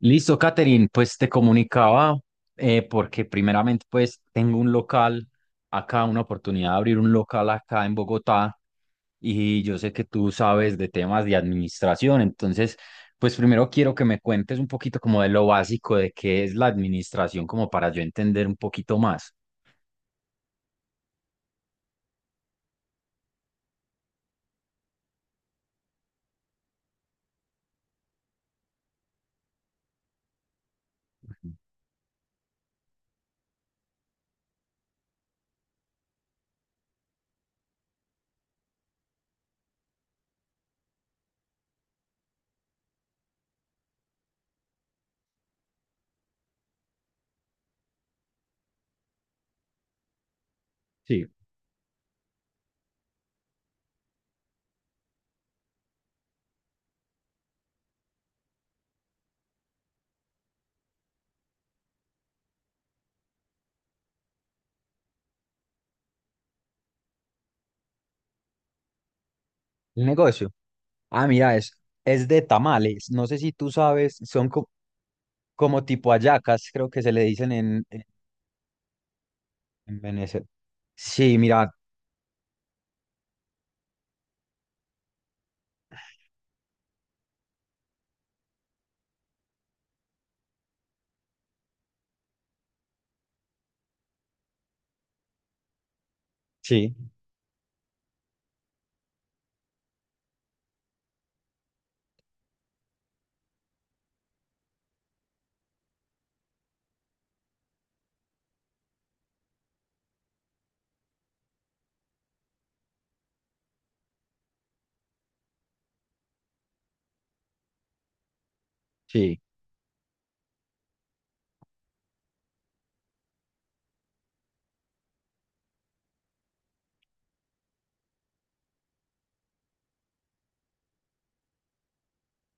Listo, Catherine, pues te comunicaba porque primeramente pues tengo un local acá, una oportunidad de abrir un local acá en Bogotá y yo sé que tú sabes de temas de administración. Entonces, pues primero quiero que me cuentes un poquito como de lo básico de qué es la administración, como para yo entender un poquito más. Sí, el negocio. Ah, mira, es de tamales. No sé si tú sabes, son como tipo hallacas, creo que se le dicen en, en Venecia. Sí, mira, sí, sí.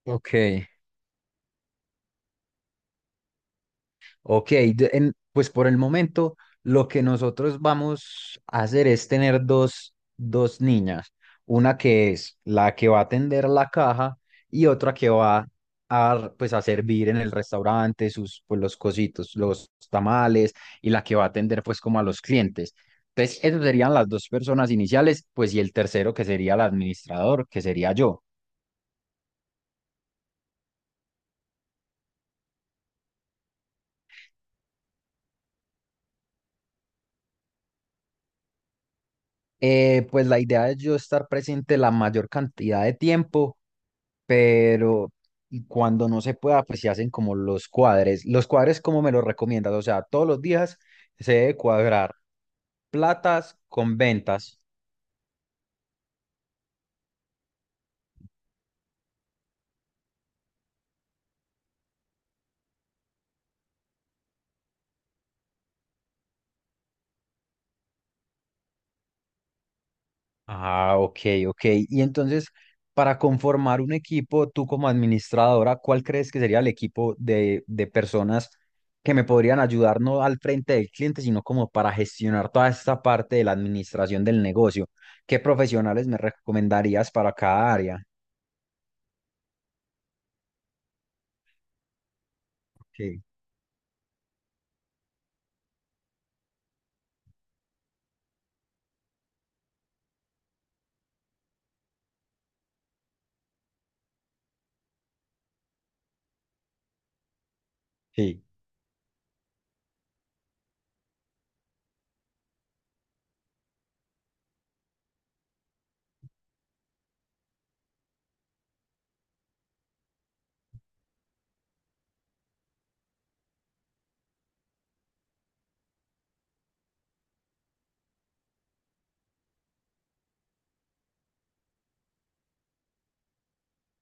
Ok, ok. Pues por el momento lo que nosotros vamos a hacer es tener dos niñas. Una que es la que va a atender la caja y otra que va a, pues, a servir en el restaurante sus, pues, los cositos, los tamales, y la que va a atender pues como a los clientes. Entonces, esas serían las dos personas iniciales, pues, y el tercero que sería el administrador, que sería yo. Pues la idea es yo estar presente la mayor cantidad de tiempo, pero y cuando no se pueda, pues se hacen como los cuadres. Los cuadres, ¿cómo me los recomiendas? O sea, ¿todos los días se debe cuadrar platas con ventas? Ah, ok, ok. Y entonces, para conformar un equipo, tú como administradora, ¿cuál crees que sería el equipo de personas que me podrían ayudar no al frente del cliente, sino como para gestionar toda esta parte de la administración del negocio? ¿Qué profesionales me recomendarías para cada área? Ok, sí,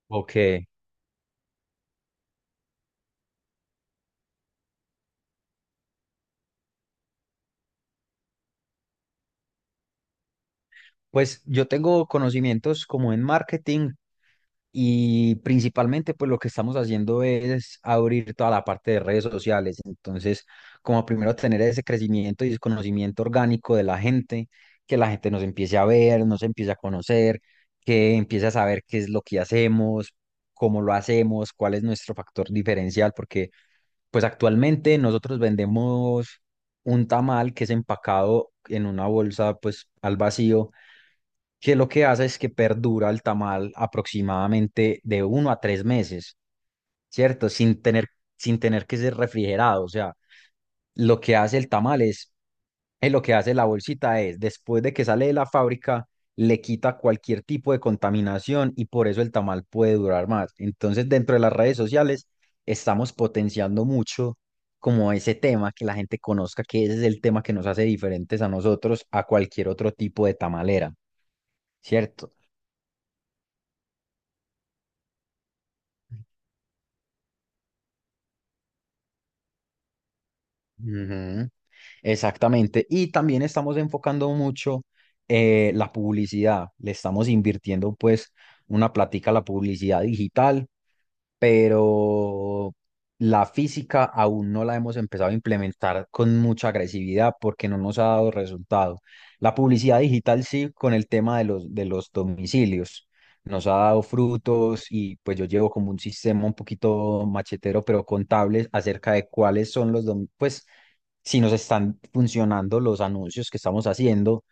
ok. Pues yo tengo conocimientos como en marketing, y principalmente, pues lo que estamos haciendo es abrir toda la parte de redes sociales. Entonces, como primero tener ese crecimiento y ese conocimiento orgánico de la gente, que la gente nos empiece a ver, nos empiece a conocer, que empiece a saber qué es lo que hacemos, cómo lo hacemos, cuál es nuestro factor diferencial, porque pues actualmente nosotros vendemos un tamal que es empacado en una bolsa, pues al vacío, que lo que hace es que perdura el tamal aproximadamente de 1 a 3 meses, ¿cierto? Sin tener que ser refrigerado. O sea, lo que hace el tamal es, lo que hace la bolsita es, después de que sale de la fábrica, le quita cualquier tipo de contaminación, y por eso el tamal puede durar más. Entonces, dentro de las redes sociales, estamos potenciando mucho como ese tema, que la gente conozca que ese es el tema que nos hace diferentes a nosotros, a cualquier otro tipo de tamalera, ¿cierto? Ujú. Exactamente. Y también estamos enfocando mucho la publicidad. Le estamos invirtiendo pues una plática a la publicidad digital, pero la física aún no la hemos empezado a implementar con mucha agresividad porque no nos ha dado resultado. La publicidad digital sí, con el tema de los, domicilios. Nos ha dado frutos, y pues yo llevo como un sistema un poquito machetero, pero contable, acerca de cuáles son los, pues, si nos están funcionando los anuncios que estamos haciendo,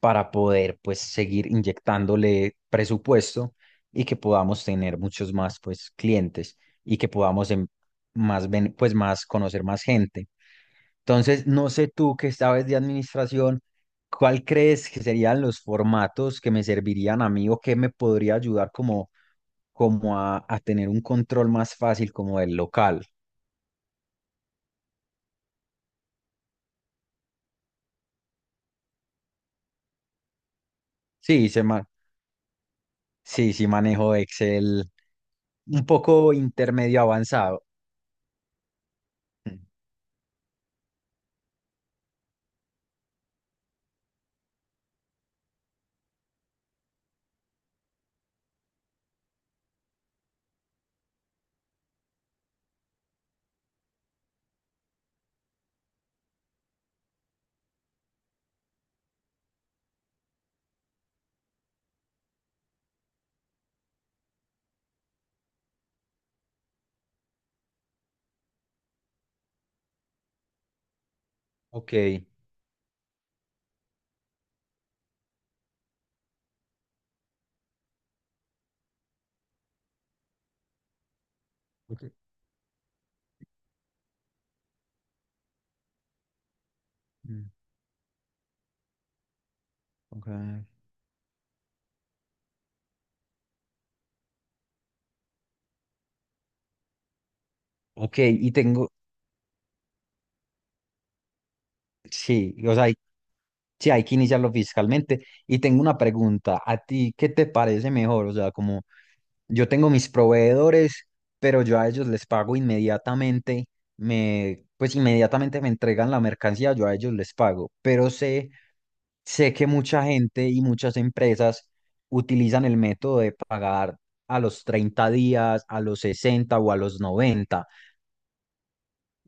para poder pues seguir inyectándole presupuesto y que podamos tener muchos más pues clientes, y que podamos pues más, conocer más gente. Entonces, no sé, tú que sabes de administración, ¿cuál crees que serían los formatos que me servirían a mí, o que me podría ayudar como como a tener un control más fácil como del local? Sí, sí, sí manejo Excel un poco intermedio avanzado. Mm. Ok. Ok. Mm, ok. Ok, y tengo, sí, o sea, sí, hay que iniciarlo fiscalmente. Y tengo una pregunta, ¿a ti qué te parece mejor? O sea, como yo tengo mis proveedores, pero yo a ellos les pago inmediatamente, me, pues inmediatamente me entregan la mercancía, yo a ellos les pago, pero sé... Sé que mucha gente y muchas empresas utilizan el método de pagar a los 30 días, a los 60 o a los 90.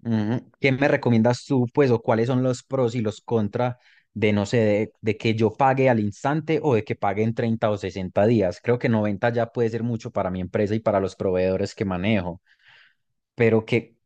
Ujú. ¿Qué me recomiendas tú, pues, o cuáles son los pros y los contra de, no sé, de, que yo pague al instante, o de que pague en 30 o 60 días? Creo que 90 ya puede ser mucho para mi empresa y para los proveedores que manejo, pero que...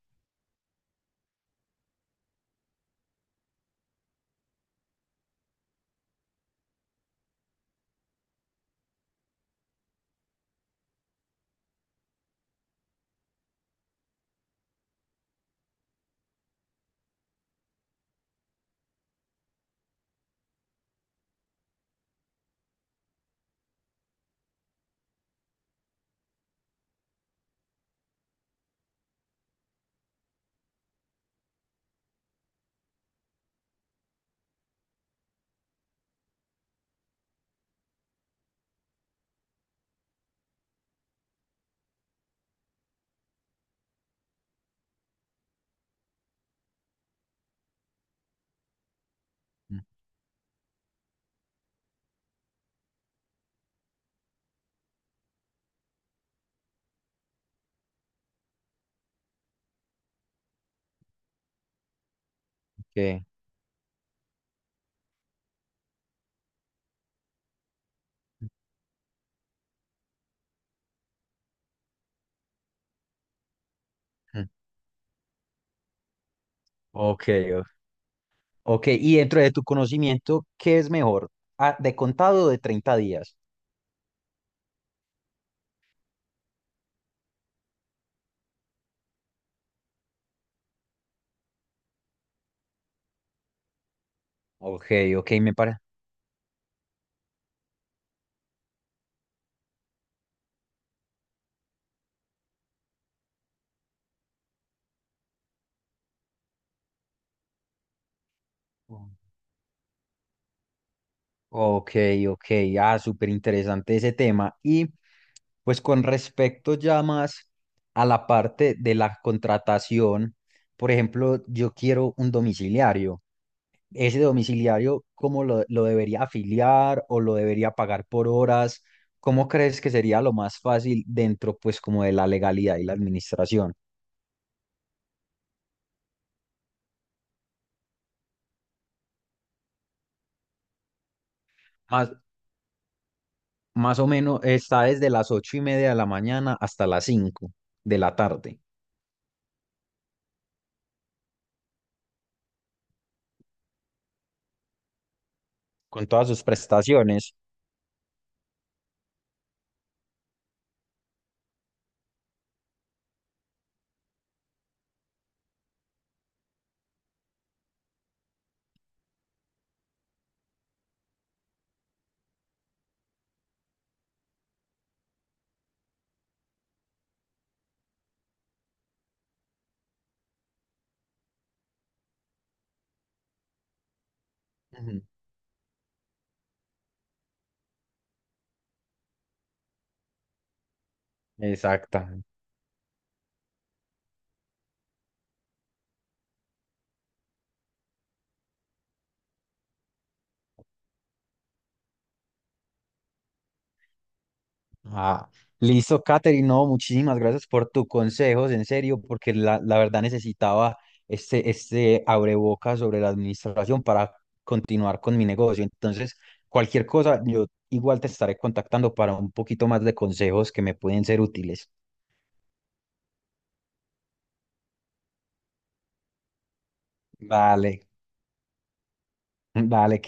Mm, que- mm, ok, ok. Y dentro de tu conocimiento, ¿qué es mejor? Ah, ¿de contado o de 30 días? Ok, ok, me parece. Ok, ok, ah, súper interesante ese tema. Y pues con respecto ya más a la parte de la contratación, por ejemplo, yo quiero un domiciliario. ¿Ese domiciliario cómo lo debería afiliar, o lo debería pagar por horas? ¿Cómo crees que sería lo más fácil dentro, pues, como de la legalidad y la administración? Más, más o menos está desde las 8:30 de la mañana hasta las 5 de la tarde, con todas sus prestaciones. Ujú. Exactamente. Ah, listo, Katherine. No, muchísimas gracias por tus consejos, en serio, porque la verdad necesitaba este abreboca sobre la administración para continuar con mi negocio. Entonces, cualquier cosa, yo igual te estaré contactando para un poquito más de consejos que me pueden ser útiles. Vale, vale,